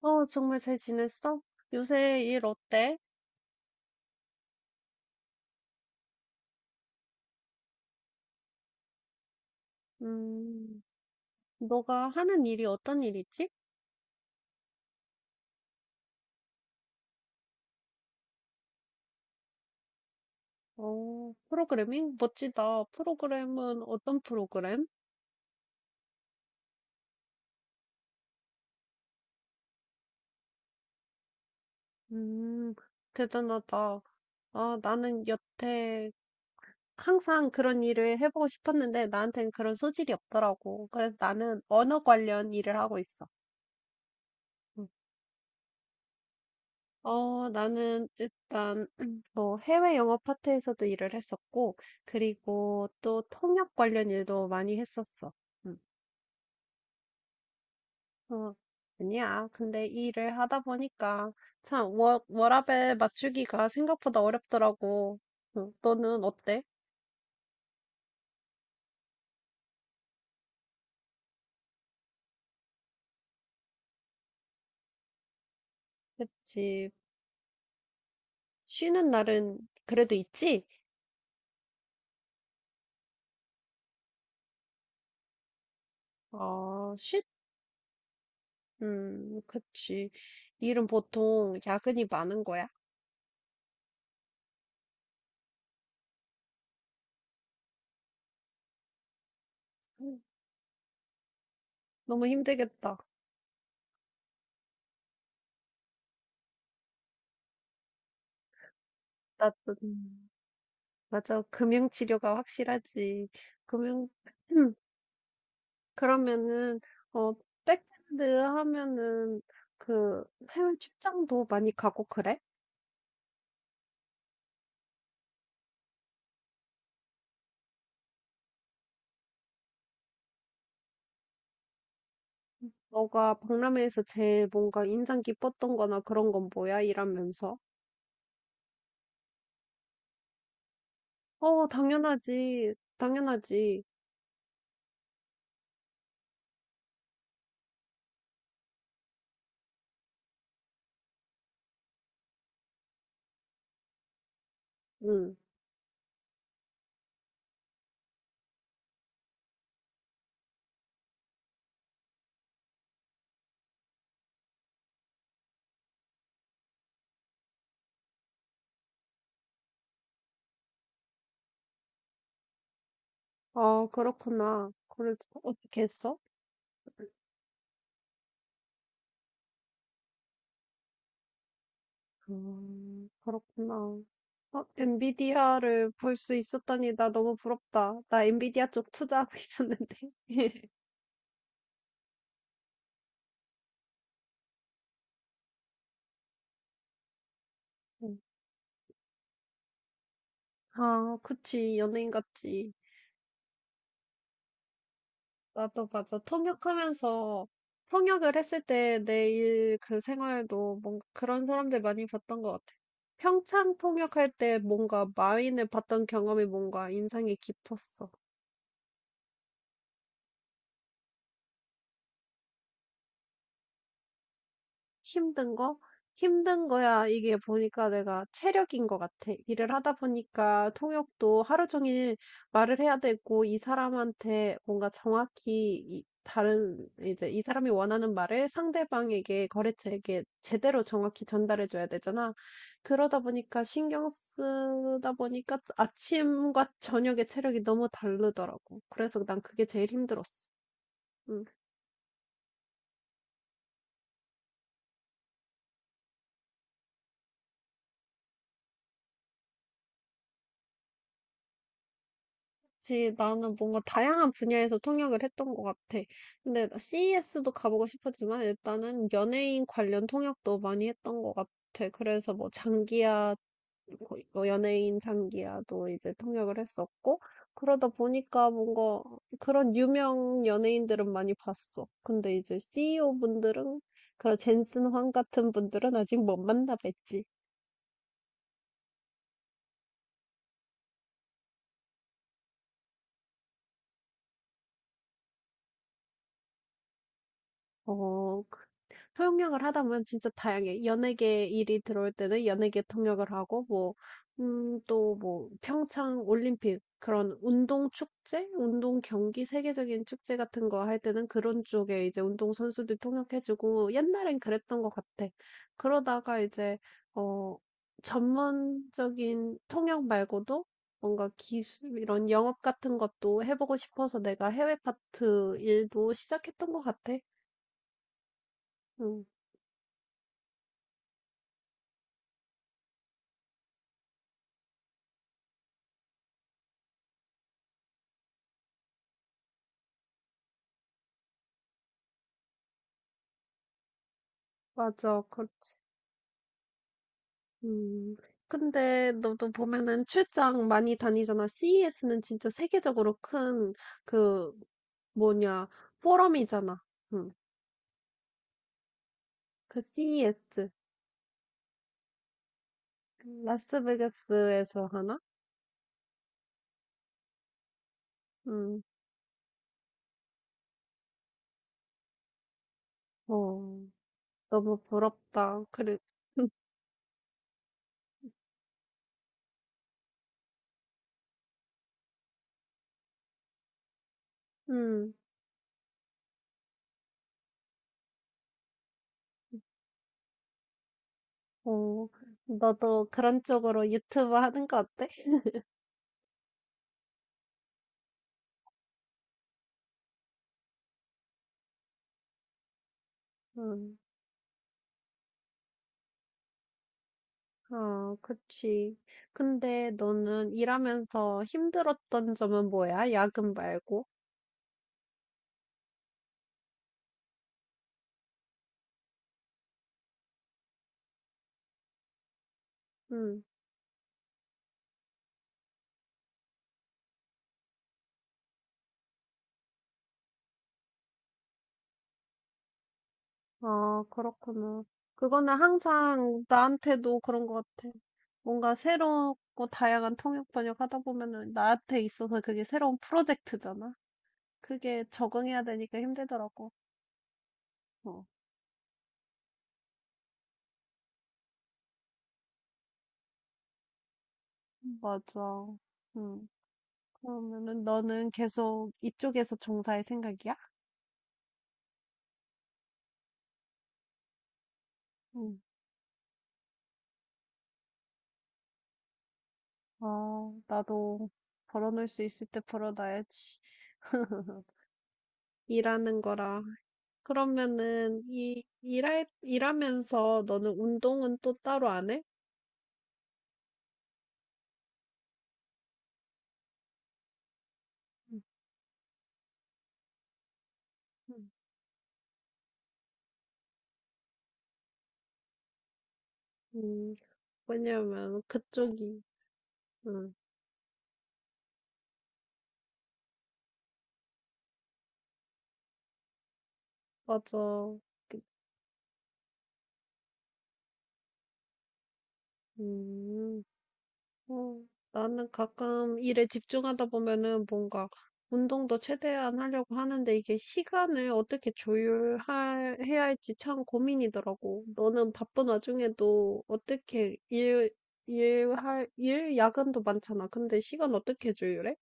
어, 정말 잘 지냈어? 요새 일 어때? 음, 너가 하는 일이 어떤 일이지? 어, 프로그래밍? 멋지다. 프로그램은 어떤 프로그램? 음, 대단하다. 아, 나는 여태 항상 그런 일을 해보고 싶었는데 나한테는 그런 소질이 없더라고. 그래서 나는 언어 관련 일을 하고 있어. 음. 어, 나는 일단 뭐 해외 영어 파트에서도 일을 했었고, 그리고 또 통역 관련 일도 많이 했었어. 음. 어, 아니야. 근데 이 일을 하다 보니까 참 워라밸 맞추기가 생각보다 어렵더라고. 응, 너는 어때? 그치. 쉬는 날은 그래도 있지? 어, 쉬, 그치. 일은 보통 야근이 많은 거야. 음, 너무 힘들겠다. 나도. 맞아. 금융치료가 확실하지. 금융, 그러면은, 어, 백핸드 하면은, 그, 해외 출장도 많이 가고 그래? 너가 박람회에서 제일 뭔가 인상 깊었던 거나 그런 건 뭐야? 이러면서. 어, 당연하지. 당연하지. 응. 아, 그렇구나. 그래서 어떻게 했어? 그렇구나. 어, 엔비디아를 볼 수 있었다니 나 너무 부럽다. 나 엔비디아 쪽 투자하고 있었는데. 음. 아 그치. 연예인 같지. 나도 맞아. 통역하면서 통역을 했을 때 내일 그 생활도 뭔가 그런 사람들 많이 봤던 것 같아. 평창 통역할 때 뭔가 마윈을 봤던 경험이 뭔가 인상이 깊었어. 힘든 거? 힘든 거야 이게 보니까 내가 체력인 것 같아. 일을 하다 보니까 통역도 하루 종일 말을 해야 되고 이 사람한테 뭔가 정확히 이 다른 이제 이 사람이 원하는 말을 상대방에게 거래처에게 제대로 정확히 전달해 줘야 되잖아. 그러다 보니까 신경 쓰다 보니까 아침과 저녁의 체력이 너무 다르더라고. 그래서 난 그게 제일 힘들었어. 음. 그치. 나는 뭔가 다양한 분야에서 통역을 했던 것 같아. 근데 CES도 가보고 싶었지만 일단은 연예인 관련 통역도 많이 했던 것 같아. 그래서 뭐 장기야, 뭐 연예인 장기야도 이제 통역을 했었고, 그러다 보니까 뭔가 그런 유명 연예인들은 많이 봤어. 근데 이제 CEO 분들은, 그런 젠슨 황 같은 분들은 아직 못 만나뵀지. 어 그 통역을 하다 보면 진짜 다양해 연예계 일이 들어올 때는 연예계 통역을 하고 뭐 또 뭐 평창 올림픽 그런 운동 축제, 운동 경기 세계적인 축제 같은 거 할 때는 그런 쪽에 이제 운동 선수들 통역해 주고 옛날엔 그랬던 것 같아. 그러다가 이제 어 전문적인 통역 말고도 뭔가 기술 이런 영업 같은 것도 해 보고 싶어서 내가 해외 파트 일도 시작했던 것 같아. 응. 맞아, 그렇지. 음. 근데 너도 보면은 출장 많이 다니잖아. CES는 진짜 세계적으로 큰 그 뭐냐 포럼이잖아. 음. 그 CES 라스베가스에서 하나? 음. 어. 너무 부럽다. 그래. 음. 어. 너도 그런 쪽으로 유튜브 하는 거 어때? 음. 어, 그치. 근데 너는 일하면서 힘들었던 점은 뭐야? 야근 말고? 음. 아, 그렇구나. 그거는 항상 나한테도 그런 것 같아. 뭔가 새롭고 다양한 통역 번역 하다 보면은 나한테 있어서 그게 새로운 프로젝트잖아. 그게 적응해야 되니까 힘들더라고. 어, 맞아. 음. 그러면은 너는 계속 이쪽에서 종사할 생각이야? 응. 어, 나도 벌어놓을 수 있을 때 벌어놔야지. 일하는 거랑 그러면은 이 일할 일하면서 너는 운동은 또 따로 안 해? 음, 음. 음, 왜냐면 그쪽이 음, 맞아. 그, 음, 어, 나는 가끔 일에 집중하다 보면은 뭔가 운동도 최대한 하려고 하는데 이게 시간을 어떻게 조율할 해야 할지 참 고민이더라고. 너는 바쁜 와중에도 어떻게 일 일할 일 야근도 많잖아. 근데 시간 어떻게 조율해?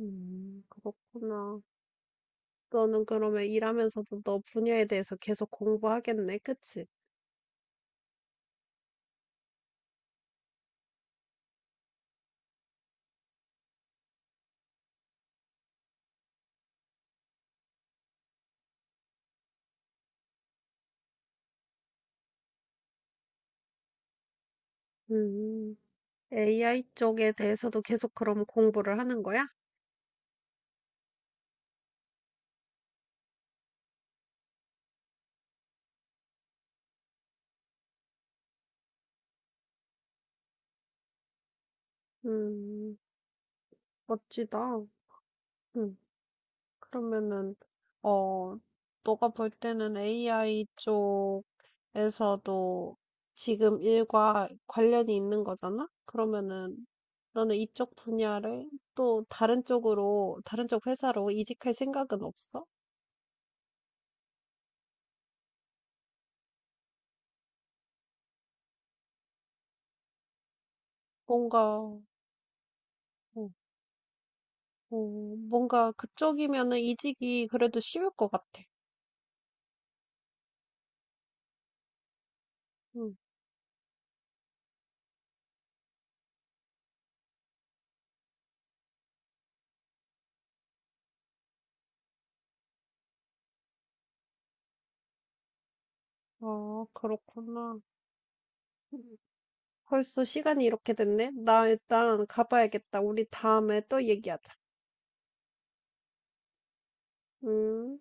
그렇구나. 너는 그러면 일하면서도 너 분야에 대해서 계속 공부하겠네, 그치? 음, AI 쪽에 대해서도 계속 그럼 공부를 하는 거야? 음, 멋지다. 음, 그러면은, 어, 너가 볼 때는 AI 쪽에서도 지금 일과 관련이 있는 거잖아? 그러면은, 너는 이쪽 분야를 또 다른 쪽으로, 다른 쪽 회사로 이직할 생각은 없어? 뭔가 어 어 뭔가 그쪽이면은 이직이 그래도 쉬울 것 같아. 응. 아, 그렇구나. 음. 벌써 시간이 이렇게 됐네? 나 일단 가봐야겠다. 우리 다음에 또 얘기하자. 음.